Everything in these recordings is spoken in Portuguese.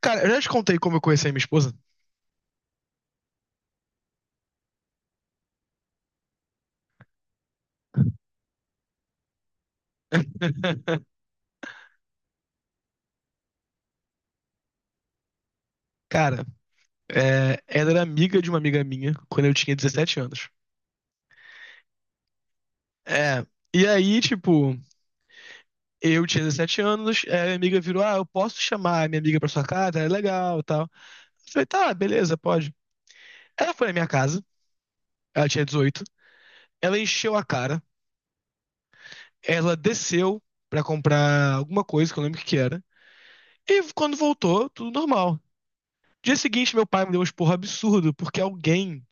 Cara, eu já te contei como eu conheci a minha esposa. Cara, ela era amiga de uma amiga minha quando eu tinha 17 anos. É, e aí, tipo, eu tinha 17 anos, minha amiga virou: ah, eu posso chamar a minha amiga pra sua casa, é legal e tal. Eu falei: tá, beleza, pode. Ela foi na minha casa, ela tinha 18, ela encheu a cara, ela desceu pra comprar alguma coisa, que eu não lembro o que que era. E quando voltou, tudo normal. Dia seguinte, meu pai me deu um esporro absurdo, porque alguém,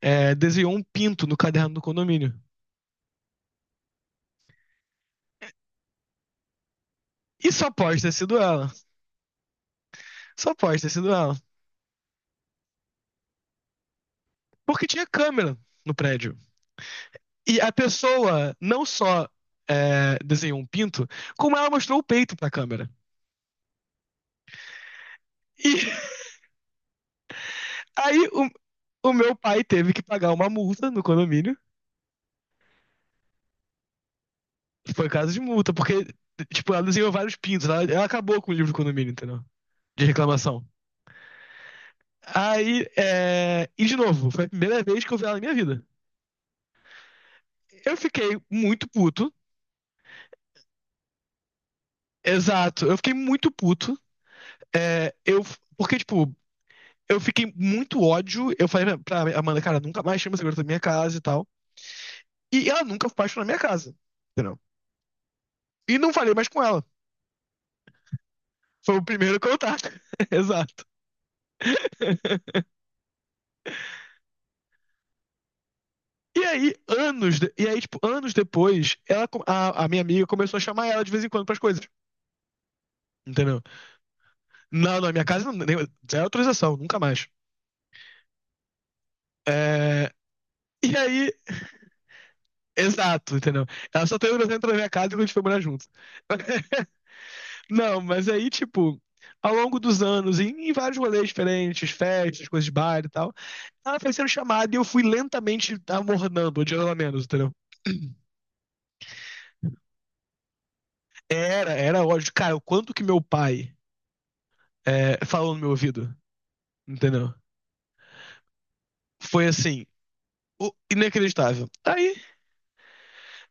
desenhou um pinto no caderno do condomínio. E só pode ter sido ela. Só pode ter sido ela. Porque tinha câmera no prédio. E a pessoa não só, desenhou um pinto, como ela mostrou o peito pra câmera. E aí o, o meu pai teve que pagar uma multa no condomínio. Foi caso de multa, porque, tipo, ela desenhou vários pintos. Ela acabou com o livro do condomínio, entendeu? De reclamação. Aí, e de novo, foi a primeira vez que eu vi ela na minha vida. Eu fiquei muito puto. Exato. Eu fiquei muito puto. É, eu, porque, tipo, eu fiquei muito ódio. Eu falei pra Amanda: cara, nunca mais chama segurança da minha casa e tal. E ela nunca baixou na minha casa. Entendeu? E não falei mais com ela. Foi o primeiro contato. Exato. E aí, anos, anos depois, ela, a minha amiga começou a chamar ela de vez em quando pras coisas. Entendeu? Não, não, minha casa não, zero autorização, nunca mais. É, e aí, exato, entendeu? Ela só tem autorização pra entrar na minha casa quando a gente foi morar junto. Não, mas aí, tipo, ao longo dos anos, em vários rolês diferentes, festas, coisas de bar e tal, ela foi sendo chamada e eu fui lentamente amornando, odiando ela menos, entendeu? Era ódio. Cara, o quanto que meu pai, falou no meu ouvido, entendeu? Foi assim, inacreditável. Tá. Aí,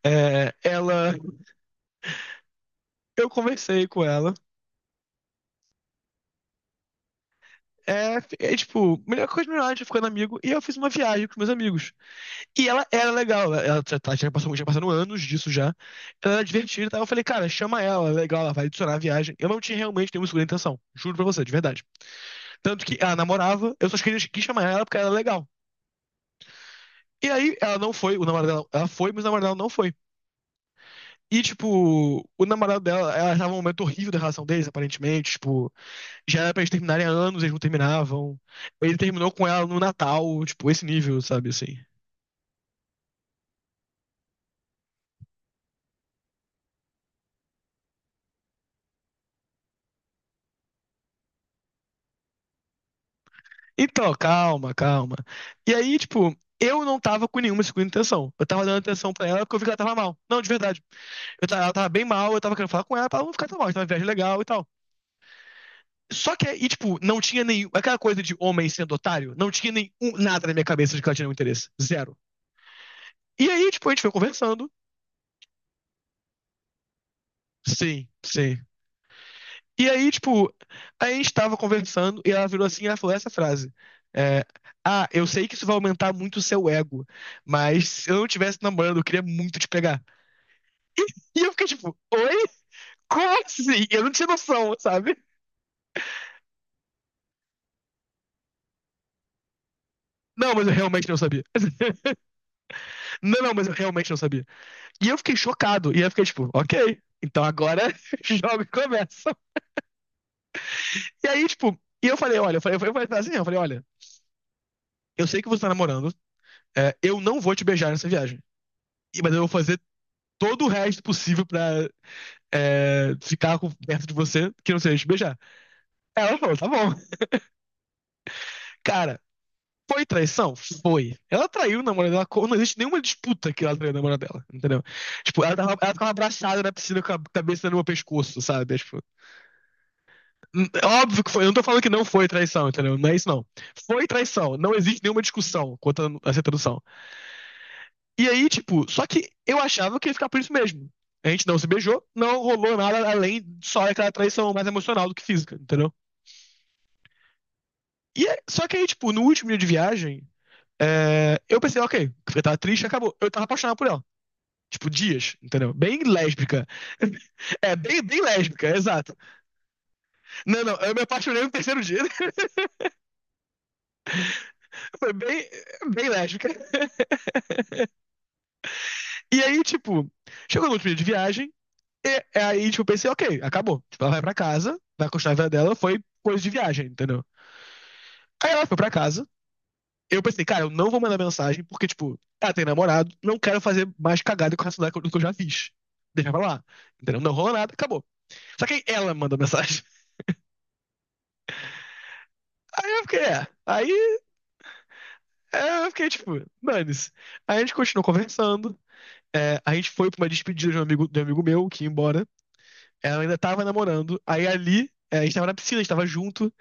ela, eu conversei com ela. É tipo, melhor coisa melhor, a gente ficando amigo. E eu fiz uma viagem com os meus amigos. E ela era legal, ela já, já passou, já passaram anos disso já. Ela era divertida, e eu falei: cara, chama ela, é legal, ela vai adicionar a viagem. Eu não tinha realmente nenhuma segunda intenção, juro pra você, de verdade. Tanto que ela namorava, eu só queria quis chamar ela porque ela era legal. E aí ela não foi, o namorado dela, ela foi, mas o namorado dela não foi. E, tipo, o namorado dela, ela tava num momento horrível da relação deles, aparentemente. Tipo, já era pra eles terminarem há anos, eles não terminavam. Ele terminou com ela no Natal, tipo, esse nível, sabe, assim. Então, calma, calma. E aí, tipo, eu não tava com nenhuma segunda intenção. Eu tava dando atenção pra ela porque eu vi que ela tava mal. Não, de verdade. Ela tava bem mal, eu tava querendo falar com ela pra ela não ficar tão mal. Tava uma viagem legal e tal. Só que, tipo, não tinha nenhum. Aquela coisa de homem sendo otário, não tinha nada na minha cabeça de que ela tinha nenhum interesse. Zero. E aí, tipo, a gente foi conversando. Sim, sim. E aí, tipo, a gente tava conversando e ela virou assim e ela falou essa frase. É, ah, eu sei que isso vai aumentar muito o seu ego, mas se eu não tivesse namorando, eu queria muito te pegar. E eu fiquei tipo: oi? Como assim? Eu não tinha noção, sabe? Não, mas eu realmente não sabia. Não, não, mas eu realmente não sabia. E eu fiquei chocado. E eu fiquei tipo: ok, então agora jogo e começa. E aí, tipo, eu falei: olha, eu falei assim, eu falei, olha, eu sei que você tá namorando, eu não vou te beijar nessa viagem. Mas eu vou fazer todo o resto possível pra, ficar perto de você, que não seja te beijar. Ela falou: tá bom. Cara, foi traição? Foi. Ela traiu o namorado dela, não existe nenhuma disputa que ela traiu o namorado dela, entendeu? Tipo, ela tava abraçada na piscina com a cabeça no meu pescoço, sabe? É. Tipo, é óbvio que foi, eu não tô falando que não foi traição, entendeu? Não é isso não. Foi traição, não existe nenhuma discussão quanto a essa tradução. E aí, tipo, só que eu achava que ia ficar por isso mesmo. A gente não se beijou, não rolou nada além de só aquela traição mais emocional do que física, entendeu? Só que aí, tipo, no último dia de viagem, eu pensei: ok, eu tava triste, acabou. Eu tava apaixonado por ela. Tipo, dias, entendeu? Bem lésbica. Bem lésbica, exato. Não, não, eu me apaixonei no terceiro dia. Foi bem, bem lésbica. E aí, tipo, chegou no último dia de viagem. Aí, tipo, eu pensei: ok, acabou. Tipo, ela vai pra casa, vai continuar a vida dela, foi coisa de viagem, entendeu? Aí ela foi pra casa, eu pensei: cara, eu não vou mandar mensagem, porque, tipo, ela tem namorado, não quero fazer mais cagada com essa do que eu já fiz. Deixa pra lá, entendeu? Não rolou nada, acabou. Só que aí ela mandou mensagem. Aí eu fiquei, eu fiquei, tipo, dane-se. Aí a gente continuou conversando, a gente foi pra uma despedida de um amigo meu que ia embora. Ela ainda tava namorando, aí ali, a gente tava na piscina, a gente tava junto.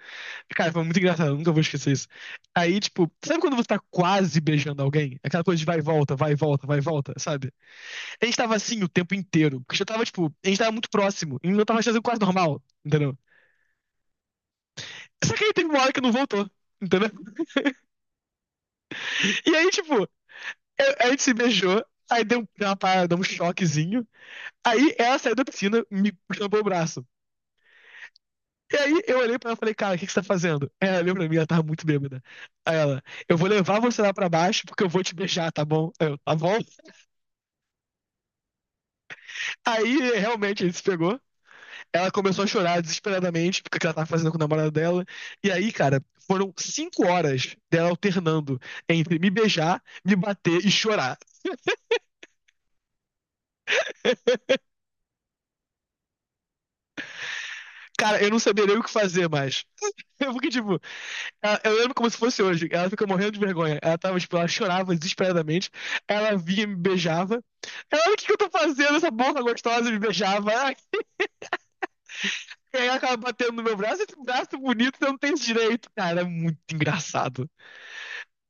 Cara, foi muito engraçado, eu nunca vou esquecer isso. Aí, tipo, sabe quando você tá quase beijando alguém? Aquela coisa de vai e volta, vai e volta, vai e volta, sabe? A gente tava assim o tempo inteiro, porque já tava, tipo, a gente tava muito próximo, e eu tava fazendo quase normal, entendeu? Só que aí teve uma hora que não voltou, entendeu? E aí, tipo, a gente se beijou, aí deu uma parada, deu um choquezinho, aí ela saiu da piscina, me puxando pelo braço. E aí eu olhei pra ela e falei: cara, o que que você tá fazendo? Aí ela olhou pra mim, ela tava muito bêbada. Aí ela: eu vou levar você lá pra baixo porque eu vou te beijar, tá bom? Aí eu: tá bom? Aí realmente ele se pegou. Ela começou a chorar desesperadamente porque ela tava fazendo com o namorado dela. E aí, cara, foram cinco horas dela alternando entre me beijar, me bater e chorar. Cara, eu não sabia nem o que fazer mais. Eu fiquei tipo, eu lembro como se fosse hoje. Ela fica morrendo de vergonha. Ela chorava desesperadamente. Ela vinha e me beijava. Ela: o que que eu tô fazendo? Essa boca gostosa me beijava. Ah, e aí ela acaba batendo no meu braço, esse braço bonito, eu não tenho esse direito. Cara, é muito engraçado.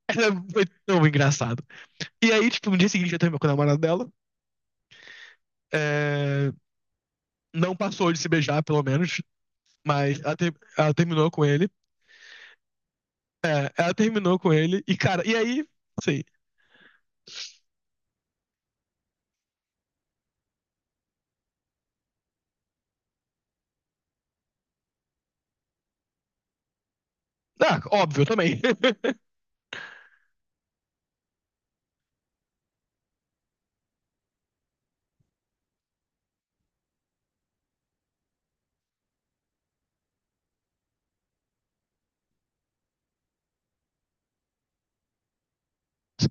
Era muito tão engraçado. E aí, tipo, no dia seguinte ela terminou com a namorada dela. É, Não passou de se beijar, pelo menos. Mas ela, ela terminou com ele. É, ela terminou com ele. E, cara, e aí, assim. Ah, óbvio, eu também.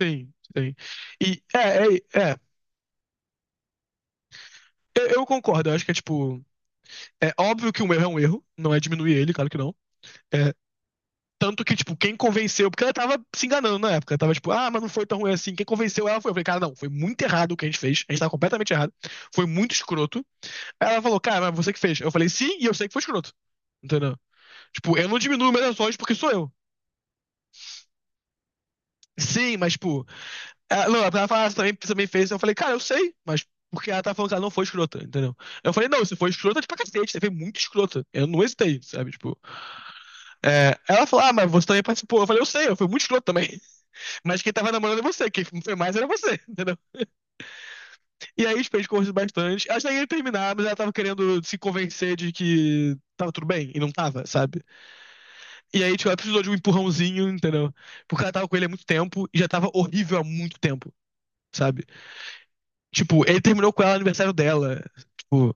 Sim, sim. E é, é, é. Eu concordo, eu acho que é tipo. É óbvio que um erro é um erro, não é diminuir ele, claro que não. É. Tanto que, tipo, quem convenceu, porque ela tava se enganando na época, ela tava tipo: ah, mas não foi tão ruim assim. Quem convenceu ela foi, eu falei: cara, não, foi muito errado o que a gente fez, a gente tava completamente errado, foi muito escroto. Aí ela falou: cara, mas você que fez. Eu falei: sim, e eu sei que foi escroto. Entendeu? Tipo, eu não diminuo meus ações porque sou eu. Sim, mas, tipo, não, ela falou: ah, você também fez. Eu falei: cara, eu sei, mas porque ela tá falando que ela não foi escrota, entendeu? Eu falei: não, você foi escrota de pra cacete, você foi muito escrota. Eu não hesitei, sabe? Tipo, ela falou: ah, mas você também participou. Eu falei: eu sei, eu fui muito escroto também. Mas quem tava namorando é você, quem foi mais era você, entendeu? E aí os peixes conversam bastante. Acho que ia terminar, mas ela tava querendo se convencer de que tava tudo bem, e não tava, sabe? E aí, tipo, ela precisou de um empurrãozinho, entendeu? Porque ela tava com ele há muito tempo e já tava horrível há muito tempo, sabe? Tipo, ele terminou com ela no aniversário dela. Tipo,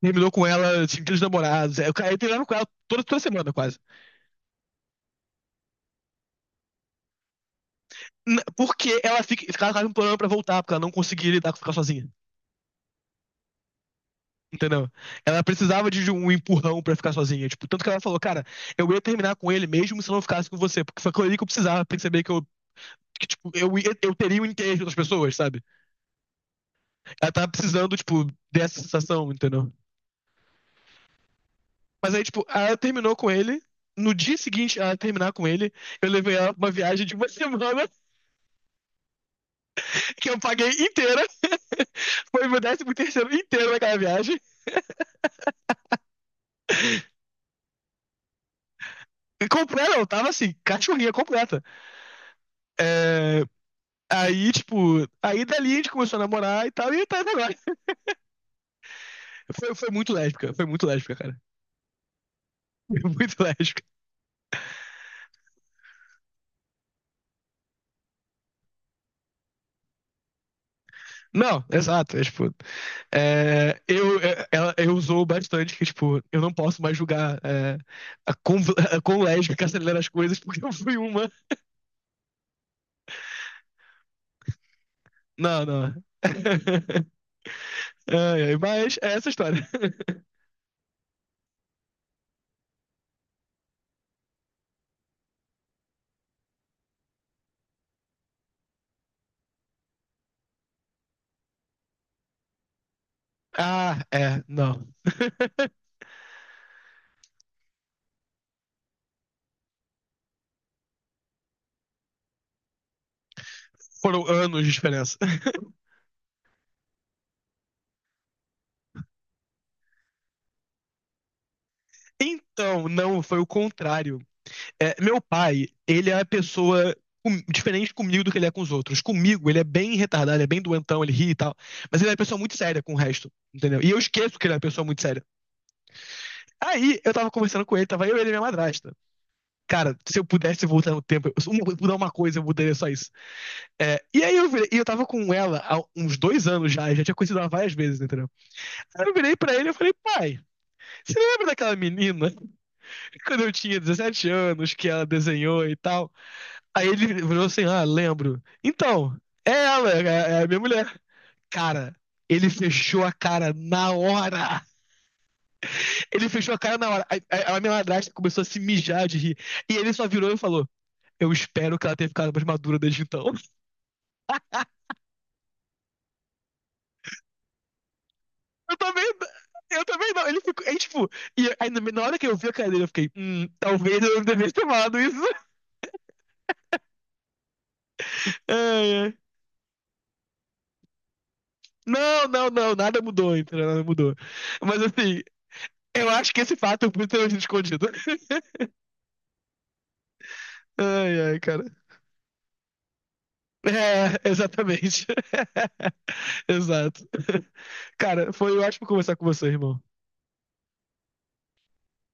terminou com ela, assim, aqueles namorados. É, ele terminava com ela toda semana, quase. Porque ficava quase implorando pra voltar, porque ela não conseguia lidar com ficar sozinha. Entendeu? Ela precisava de um empurrão pra ficar sozinha. Tipo, tanto que ela falou: cara, eu ia terminar com ele mesmo se eu não ficasse com você. Porque foi aquilo ali que eu precisava perceber que, tipo, eu teria o interesse das pessoas, sabe? Ela tava precisando, tipo, dessa sensação, entendeu? Mas aí, tipo, ela terminou com ele. No dia seguinte, ela terminar com ele, eu levei ela pra uma viagem de uma semana que eu paguei inteira. Foi meu décimo terceiro inteiro naquela viagem. Completa, eu tava assim, cachorrinha completa. É. Aí, tipo, aí dali a gente começou a namorar e tal, e tá até agora. Foi muito lésbica, cara. Foi muito lésbica. Não, exato, é tipo. Eu usou bastante que, tipo, eu não posso mais julgar, a quão, a quão lésbica acelera as coisas, porque eu fui uma. Não, não. Ai, ai. Mas é essa a história. Ah, é, não. Foram anos de diferença. Então, não, foi o contrário. É, meu pai, ele é a pessoa diferente comigo do que ele é com os outros. Comigo, ele é bem retardado, ele é bem doentão, ele ri e tal. Mas ele é uma pessoa muito séria com o resto, entendeu? E eu esqueço que ele é uma pessoa muito séria. Aí eu tava conversando com ele, tava eu, ele e minha madrasta. Cara, se eu pudesse voltar no tempo, se eu mudar uma coisa, eu mudaria só isso. É, e aí eu virei, e eu tava com ela há uns dois anos já, eu já tinha conhecido ela várias vezes, entendeu? Aí eu virei pra ele e eu falei: pai, você lembra daquela menina quando eu tinha 17 anos que ela desenhou e tal? Aí ele virou assim: ah, lembro. Então, é ela, é a minha mulher. Cara, ele fechou a cara na hora. Ele fechou a cara na hora. Aí a minha madrasta começou a se mijar de rir. E ele só virou e falou: eu espero que ela tenha ficado mais madura desde então. Eu também... Eu também não, ele ficou, aí, tipo, e aí, na hora que eu vi a cara dele, eu fiquei, talvez eu não devesse ter tomado isso. Ai, ai. Não, não, não, nada mudou, entendeu? Nada mudou. Mas assim, eu acho que esse fato é muito escondido. Ai, ai, cara. É, exatamente. Exato. Cara, foi ótimo conversar com você, irmão.